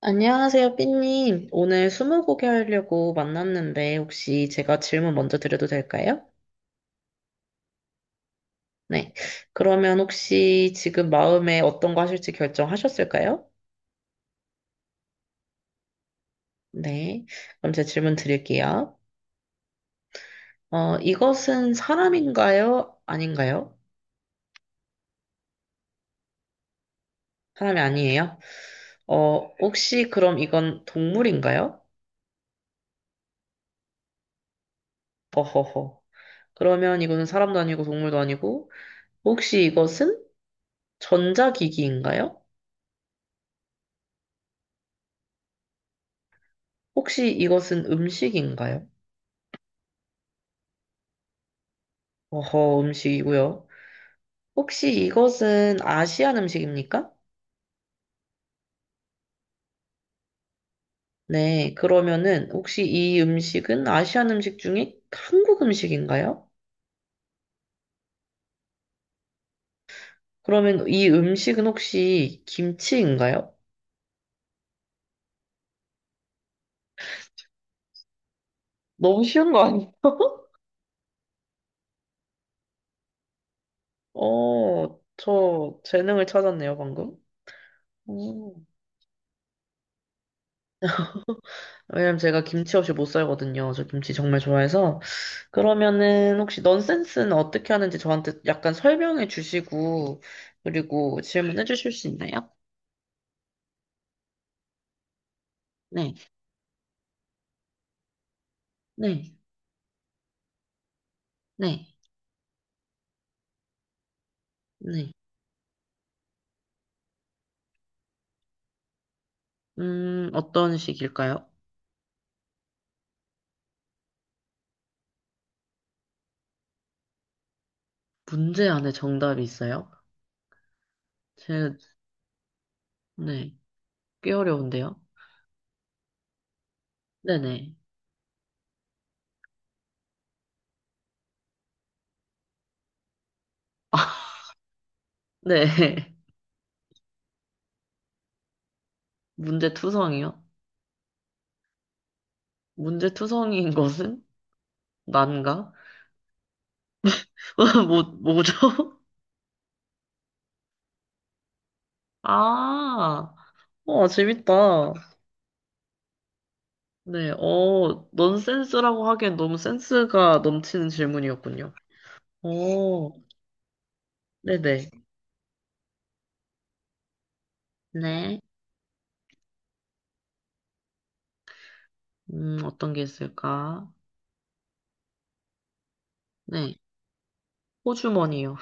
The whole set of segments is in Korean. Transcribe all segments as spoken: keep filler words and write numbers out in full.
안녕하세요, 삐님. 오늘 스무고개 하려고 만났는데 혹시 제가 질문 먼저 드려도 될까요? 네. 그러면 혹시 지금 마음에 어떤 거 하실지 결정하셨을까요? 네. 그럼 제 질문 드릴게요. 어, 이것은 사람인가요? 아닌가요? 사람이 아니에요. 어, 혹시 그럼 이건 동물인가요? 어허허. 그러면 이거는 사람도 아니고 동물도 아니고 혹시 이것은 전자기기인가요? 혹시 이것은 음식인가요? 어허, 음식이고요. 혹시 이것은 아시안 음식입니까? 네, 그러면은 혹시 이 음식은 아시안 음식 중에 한국 음식인가요? 그러면 이 음식은 혹시 김치인가요? 너무 쉬운 거 아니에요? 어, 저 재능을 찾았네요, 방금. 오. 왜냐면 제가 김치 없이 못 살거든요. 저 김치 정말 좋아해서. 그러면은 혹시 넌센스는 어떻게 하는지 저한테 약간 설명해 주시고, 그리고 질문해 주실 수 있나요? 네, 네, 네, 네. 음, 어떤 식일까요? 문제 안에 정답이 있어요? 제, 네, 꽤 어려운데요? 네네. 아, 네. 문제투성이요? 문제투성이인 것은? 난가? 뭐, 뭐죠? 아, 우와 재밌다. 네, 어, 넌센스라고 하기엔 너무 센스가 넘치는 질문이었군요. 오, 네네. 네. 음, 어떤 게 있을까? 네. 호주머니요.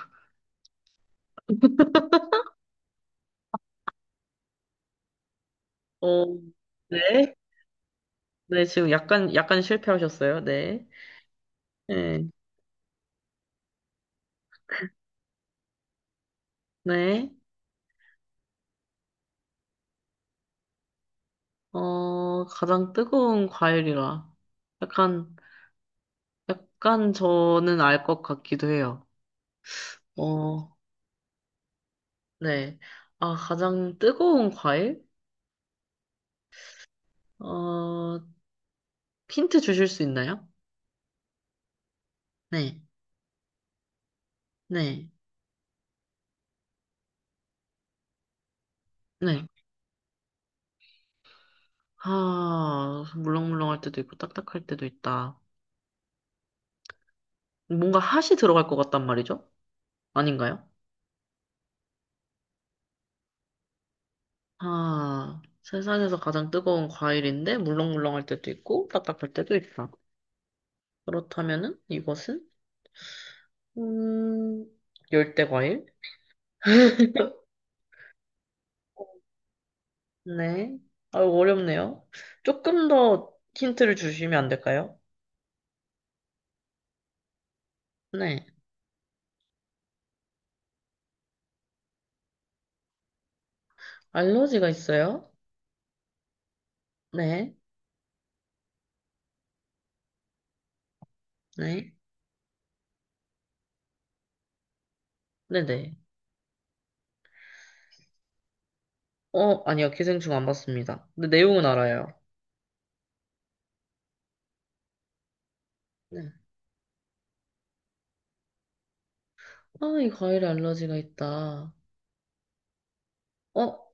어, 네. 네, 지금 약간, 약간 실패하셨어요. 네. 네. 네. 어, 가장 뜨거운 과일이라. 약간, 약간 저는 알 것 같기도 해요. 어, 네. 아, 가장 뜨거운 과일? 어, 힌트 주실 수 있나요? 네. 네. 네. 아, 물렁물렁할 때도 있고 딱딱할 때도 있다. 뭔가 핫이 들어갈 것 같단 말이죠? 아닌가요? 아, 세상에서 가장 뜨거운 과일인데 물렁물렁할 때도 있고 딱딱할 때도 있어. 그렇다면은 이것은 음, 열대 과일? 네. 아, 어렵네요. 조금 더 힌트를 주시면 안 될까요? 네. 알러지가 있어요? 네. 네. 네네. 어, 아니요. 기생충 안 봤습니다. 근데 내용은 알아요. 네. 아, 이 과일에 알러지가 있다. 어,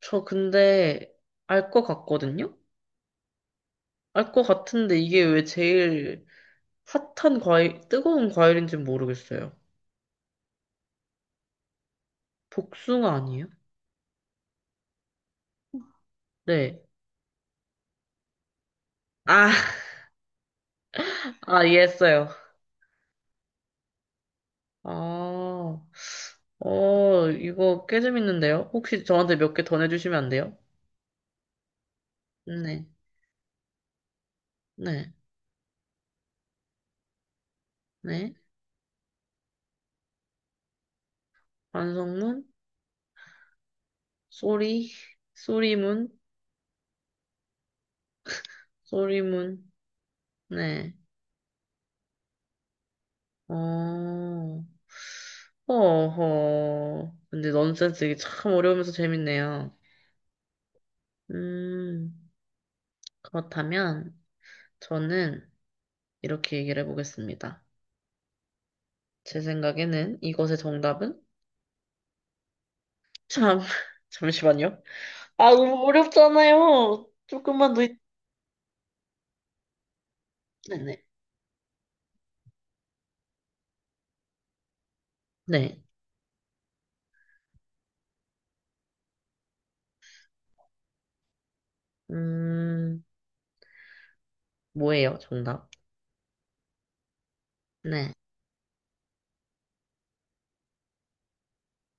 저 근데 알 것 같거든요? 알 것 같은데 이게 왜 제일 핫한 과일, 뜨거운 과일인지는 모르겠어요. 복숭아 아니에요? 네. 아, 아, 이해했어요. 아, 어, 이거 꽤 재밌는데요? 혹시 저한테 몇 개 더 내주시면 안 돼요? 네, 네, 네. 반성문, 쏘리, 쏘리문, 쏘리문, 네. 어, 어허. 근데 넌센스 이게 참 어려우면서 재밌네요. 음. 그렇다면 저는 이렇게 얘기를 해보겠습니다. 제 생각에는 이것의 정답은 참 잠시만요. 아 너무 어렵잖아요. 조금만 더 있- 네네 네. 네. 음 뭐예요 정답? 네.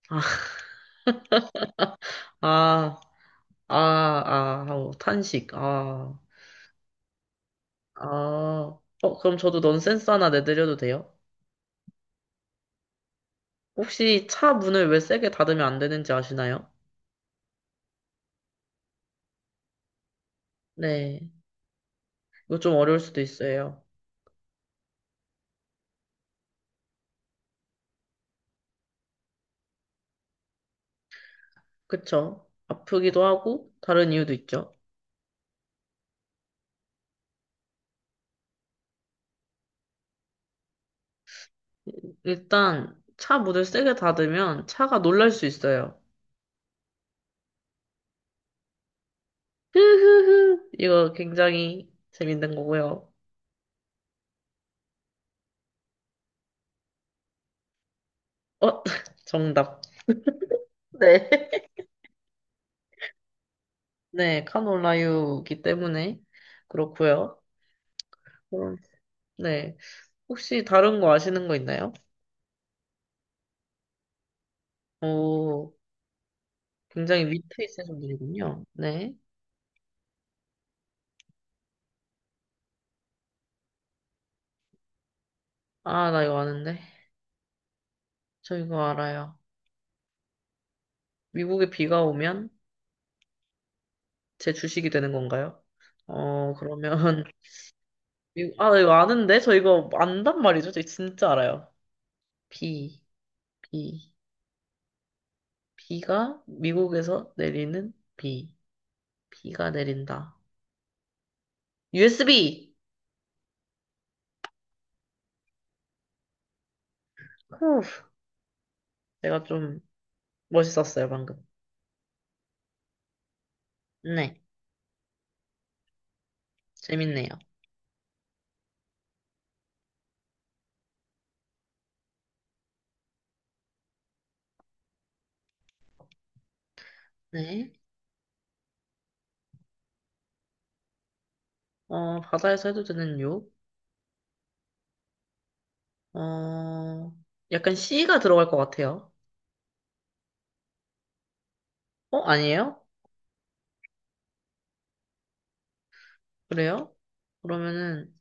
아, 아, 아, 아, 아우, 탄식. 아, 아. 어, 그럼 저도 넌센스 하나 내드려도 돼요? 혹시 차 문을 왜 세게 닫으면 안 되는지 아시나요? 네. 이거 좀 어려울 수도 있어요. 그쵸. 아프기도 하고, 다른 이유도 있죠. 일단, 차 문을 세게 닫으면 차가 놀랄 수 있어요. 흐흐흐. 이거 굉장히 재밌는 거고요. 어, 정답. 네. 네, 카놀라유기 때문에 그렇고요. 그럼, 네. 혹시 다른 거 아시는 거 있나요? 오, 굉장히 위트 있으신 분이군요. 네. 아, 나 이거 아는데. 저 이거 알아요. 미국에 비가 오면 제 주식이 되는 건가요? 어, 그러면, 이거- 아, 이거 아는데? 저 이거 안단 말이죠? 저 진짜 알아요. 비, 비, 비가 미국에서 내리는 비, 비가 내린다. 유에스비! 후, 내가 좀 멋있었어요, 방금. 네, 재밌네요. 네. 어, 바다에서 해도 되는 욕? 어, 약간 씨가 들어갈 것 같아요. 어, 아니에요? 그래요? 그러면은,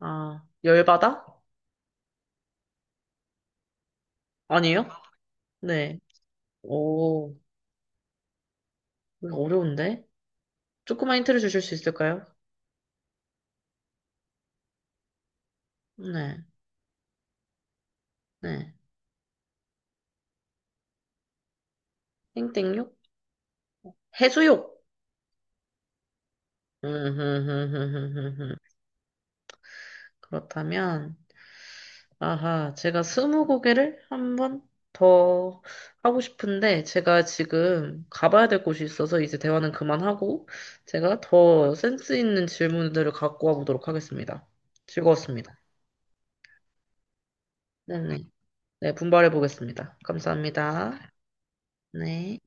아, 열바다? 아니에요? 네. 오, 어려운데? 조금만 힌트를 주실 수 있을까요? 네, 네. 땡땡육? 해수욕! 음, 흠, 흠, 흠, 흠, 흠, 그렇다면, 아하, 제가 스무 고개를 한번 더 하고 싶은데, 제가 지금 가봐야 될 곳이 있어서 이제 대화는 그만하고, 제가 더 센스 있는 질문들을 갖고 와보도록 하겠습니다. 즐거웠습니다. 네네. 네, 분발해 보겠습니다. 감사합니다. 네.